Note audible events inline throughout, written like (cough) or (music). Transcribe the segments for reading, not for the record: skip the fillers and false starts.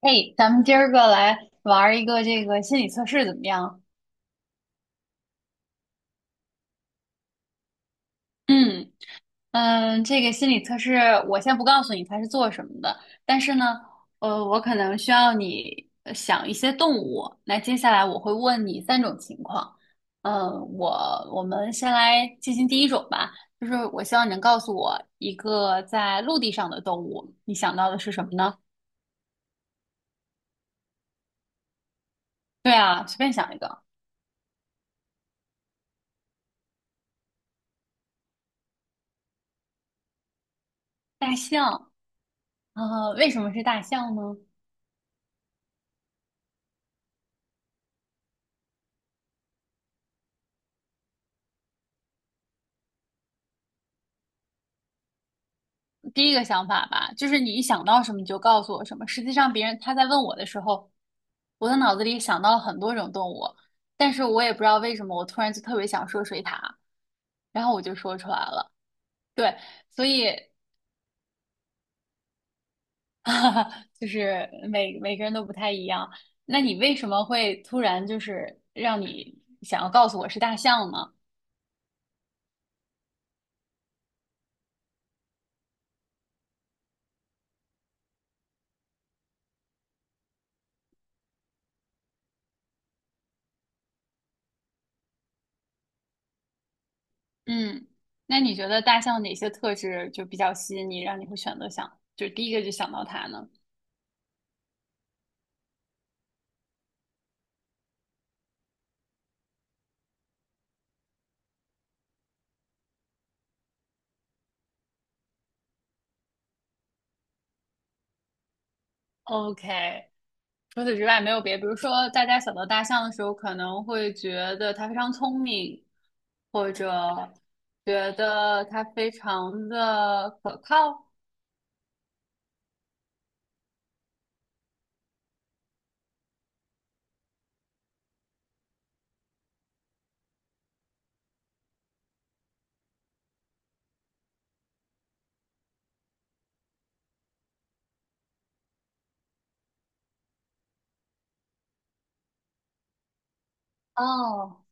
哎，咱们今儿个来玩儿一个这个心理测试怎么样？嗯。嗯，这个心理测试我先不告诉你它是做什么的，但是呢，我可能需要你想一些动物。那接下来我会问你三种情况。嗯，我们先来进行第一种吧，就是我希望你能告诉我一个在陆地上的动物，你想到的是什么呢？对啊，随便想一个。大象。呃，为什么是大象呢？第一个想法吧，就是你一想到什么你就告诉我什么。实际上，别人他在问我的时候，我的脑子里想到了很多种动物，但是我也不知道为什么，我突然就特别想说水獭，然后我就说出来了。对，所以 (laughs) 就是每每个人都不太一样。那你为什么会突然就是让你想要告诉我是大象呢？嗯。那你觉得大象哪些特质就比较吸引你，让你会选择想，就第一个就想到它呢？OK，除此之外没有别的，比如说大家想到大象的时候，可能会觉得它非常聪明，或者觉得它非常的可靠。哦，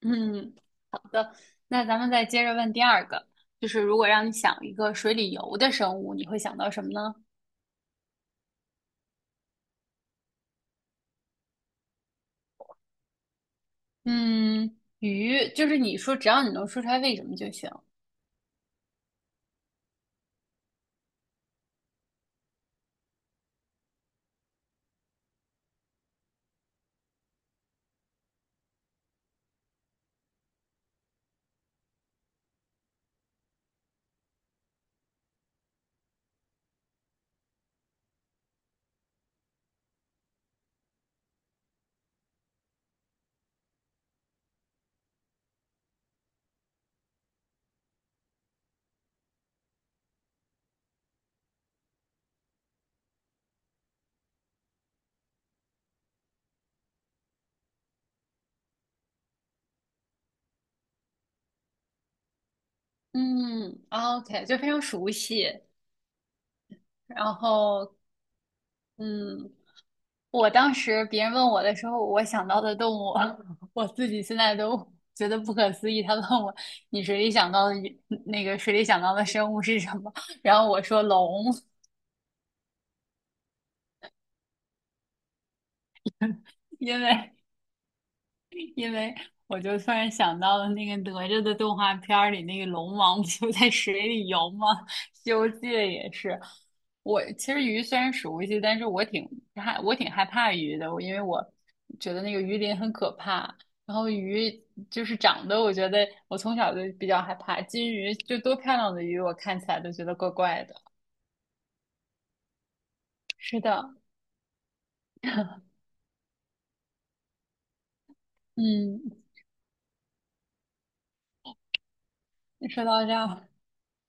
嗯，那咱们再接着问第二个，就是如果让你想一个水里游的生物，你会想到什么呢？嗯，鱼，就是你说只要你能说出来为什么就行。嗯，OK，就非常熟悉，然后嗯，我当时别人问我的时候，我想到的动物，(laughs) 我自己现在都觉得不可思议。他问我，你水里想到的鱼那个水里想到的生物是什么？然后我说龙，因为因为我就突然想到了那个哪吒的动画片儿里，那个龙王不就在水里游吗？(laughs)《西游记》也是。我其实鱼虽然熟悉，但是我我挺害怕鱼的，我因为我觉得那个鱼鳞很可怕。然后鱼就是长得，我觉得我从小就比较害怕。金鱼就多漂亮的鱼，我看起来都觉得怪怪的。是的。嗯，说到这儿，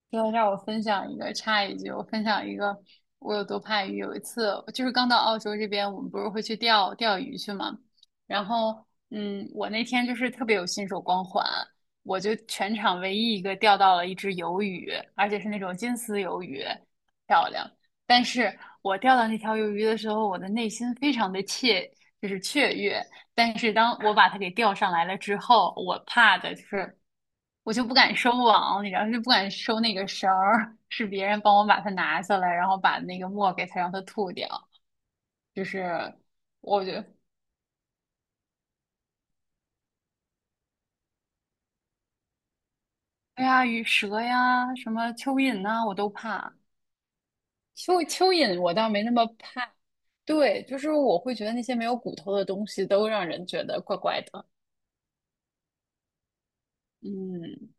要让我分享一个，插一句，我分享一个，我有多怕鱼。有一次，就是刚到澳洲这边，我们不是会去钓钓鱼去嘛，然后，嗯，我那天就是特别有新手光环，我就全场唯一一个钓到了一只鱿鱼，而且是那种金丝鱿鱼，漂亮。但是我钓到那条鱿鱼的时候，我的内心非常的雀，就是雀跃。但是当我把它给钓上来了之后，我怕的就是。我就不敢收网，你知道，就不敢收那个绳儿，是别人帮我把它拿下来，然后把那个墨给它让它吐掉。就是我觉得，哎呀，鱼蛇呀，什么蚯蚓呐、我都怕。蚯蚓我倒没那么怕，对，就是我会觉得那些没有骨头的东西都让人觉得怪怪的。嗯，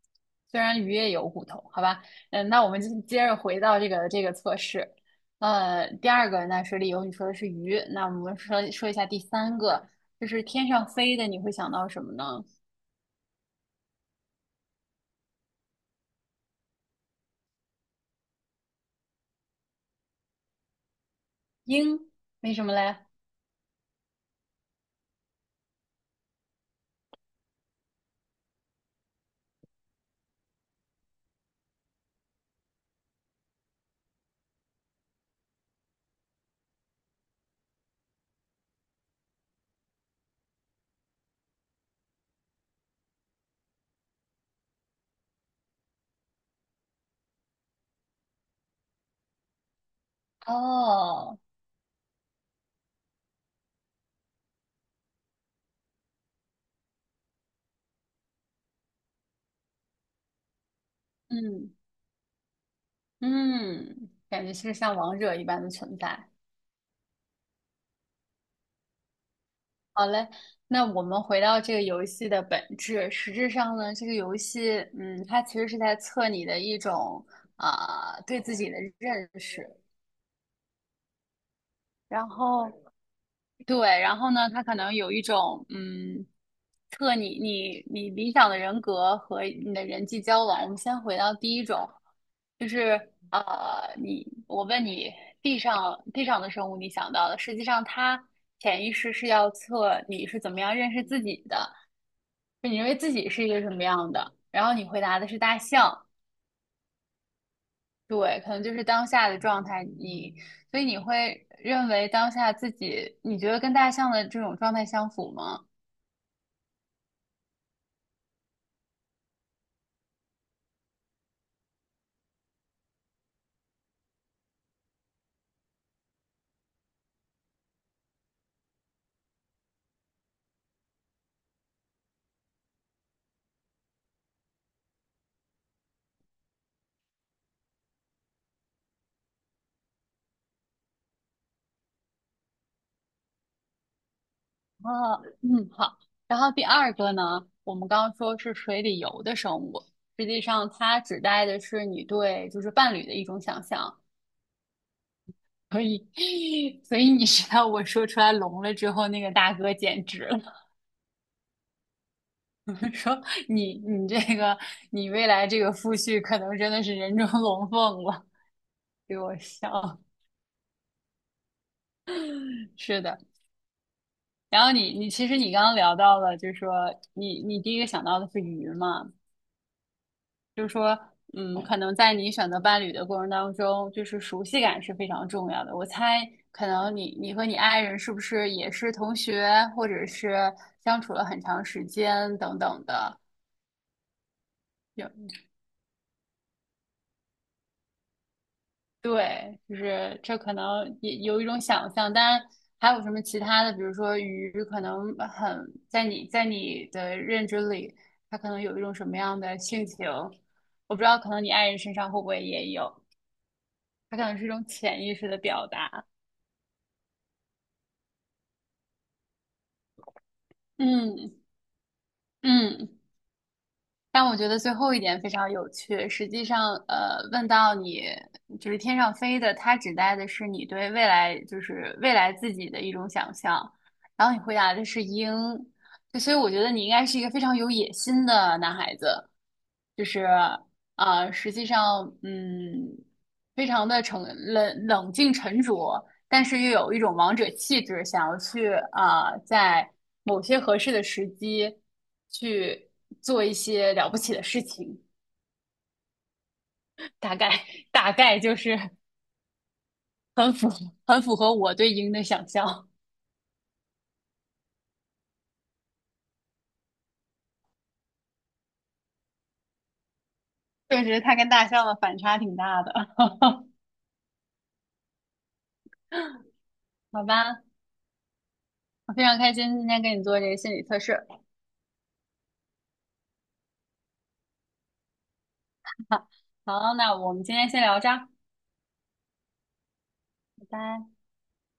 虽然鱼也有骨头，好吧，嗯，那我们就接着回到这个测试，第二个那水里游，你说的是鱼，那我们说一下第三个，就是天上飞的，你会想到什么呢？鹰，为什么嘞？哦。嗯。嗯，感觉是像王者一般的存在。好嘞，那我们回到这个游戏的本质，实质上呢，这个游戏，它其实是在测你的一种啊、对自己的认识。然后，对，然后呢，他可能有一种测你理想的人格和你的人际交往。我们先回到第一种，就是我问你，地上的生物你想到的，实际上它潜意识是要测你是怎么样认识自己的，就你认为自己是一个什么样的。然后你回答的是大象，对，可能就是当下的状态。所以你会认为当下自己，你觉得跟大象的这种状态相符吗？啊，嗯，好。然后第二个呢，我们刚刚说是水里游的生物，实际上它指代的是你对就是伴侣的一种想象。所以，(laughs) 所以你知道我说出来聋了之后，那个大哥简直了，(laughs) 说你这个你未来这个夫婿可能真的是人中龙凤了，给我笑。是的，然后你其实你刚刚聊到了，就是说你第一个想到的是鱼嘛。就是说，嗯，可能在你选择伴侣的过程当中，就是熟悉感是非常重要的。我猜，可能你和你爱人是不是也是同学，或者是相处了很长时间等等的？有，对，就是这可能也有一种想象，当然还有什么其他的，比如说鱼，可能很在你的认知里，它可能有一种什么样的性情，我不知道，可能你爱人身上会不会也有，它可能是一种潜意识的表达。嗯。嗯，但我觉得最后一点非常有趣。实际上，问到你就是天上飞的，它指代的是你对未来，就是未来自己的一种想象。然后你回答的是鹰，就所以我觉得你应该是一个非常有野心的男孩子，就是实际上，非常的沉冷静沉着，但是又有一种王者气质，想要去啊、在某些合适的时机去做一些了不起的事情。大概大概就是很符很符合我对鹰的想象。确实，它跟大象的反差挺大的。好吧，我非常开心今天跟你做这个心理测试。好，那我们今天先聊这儿。拜拜。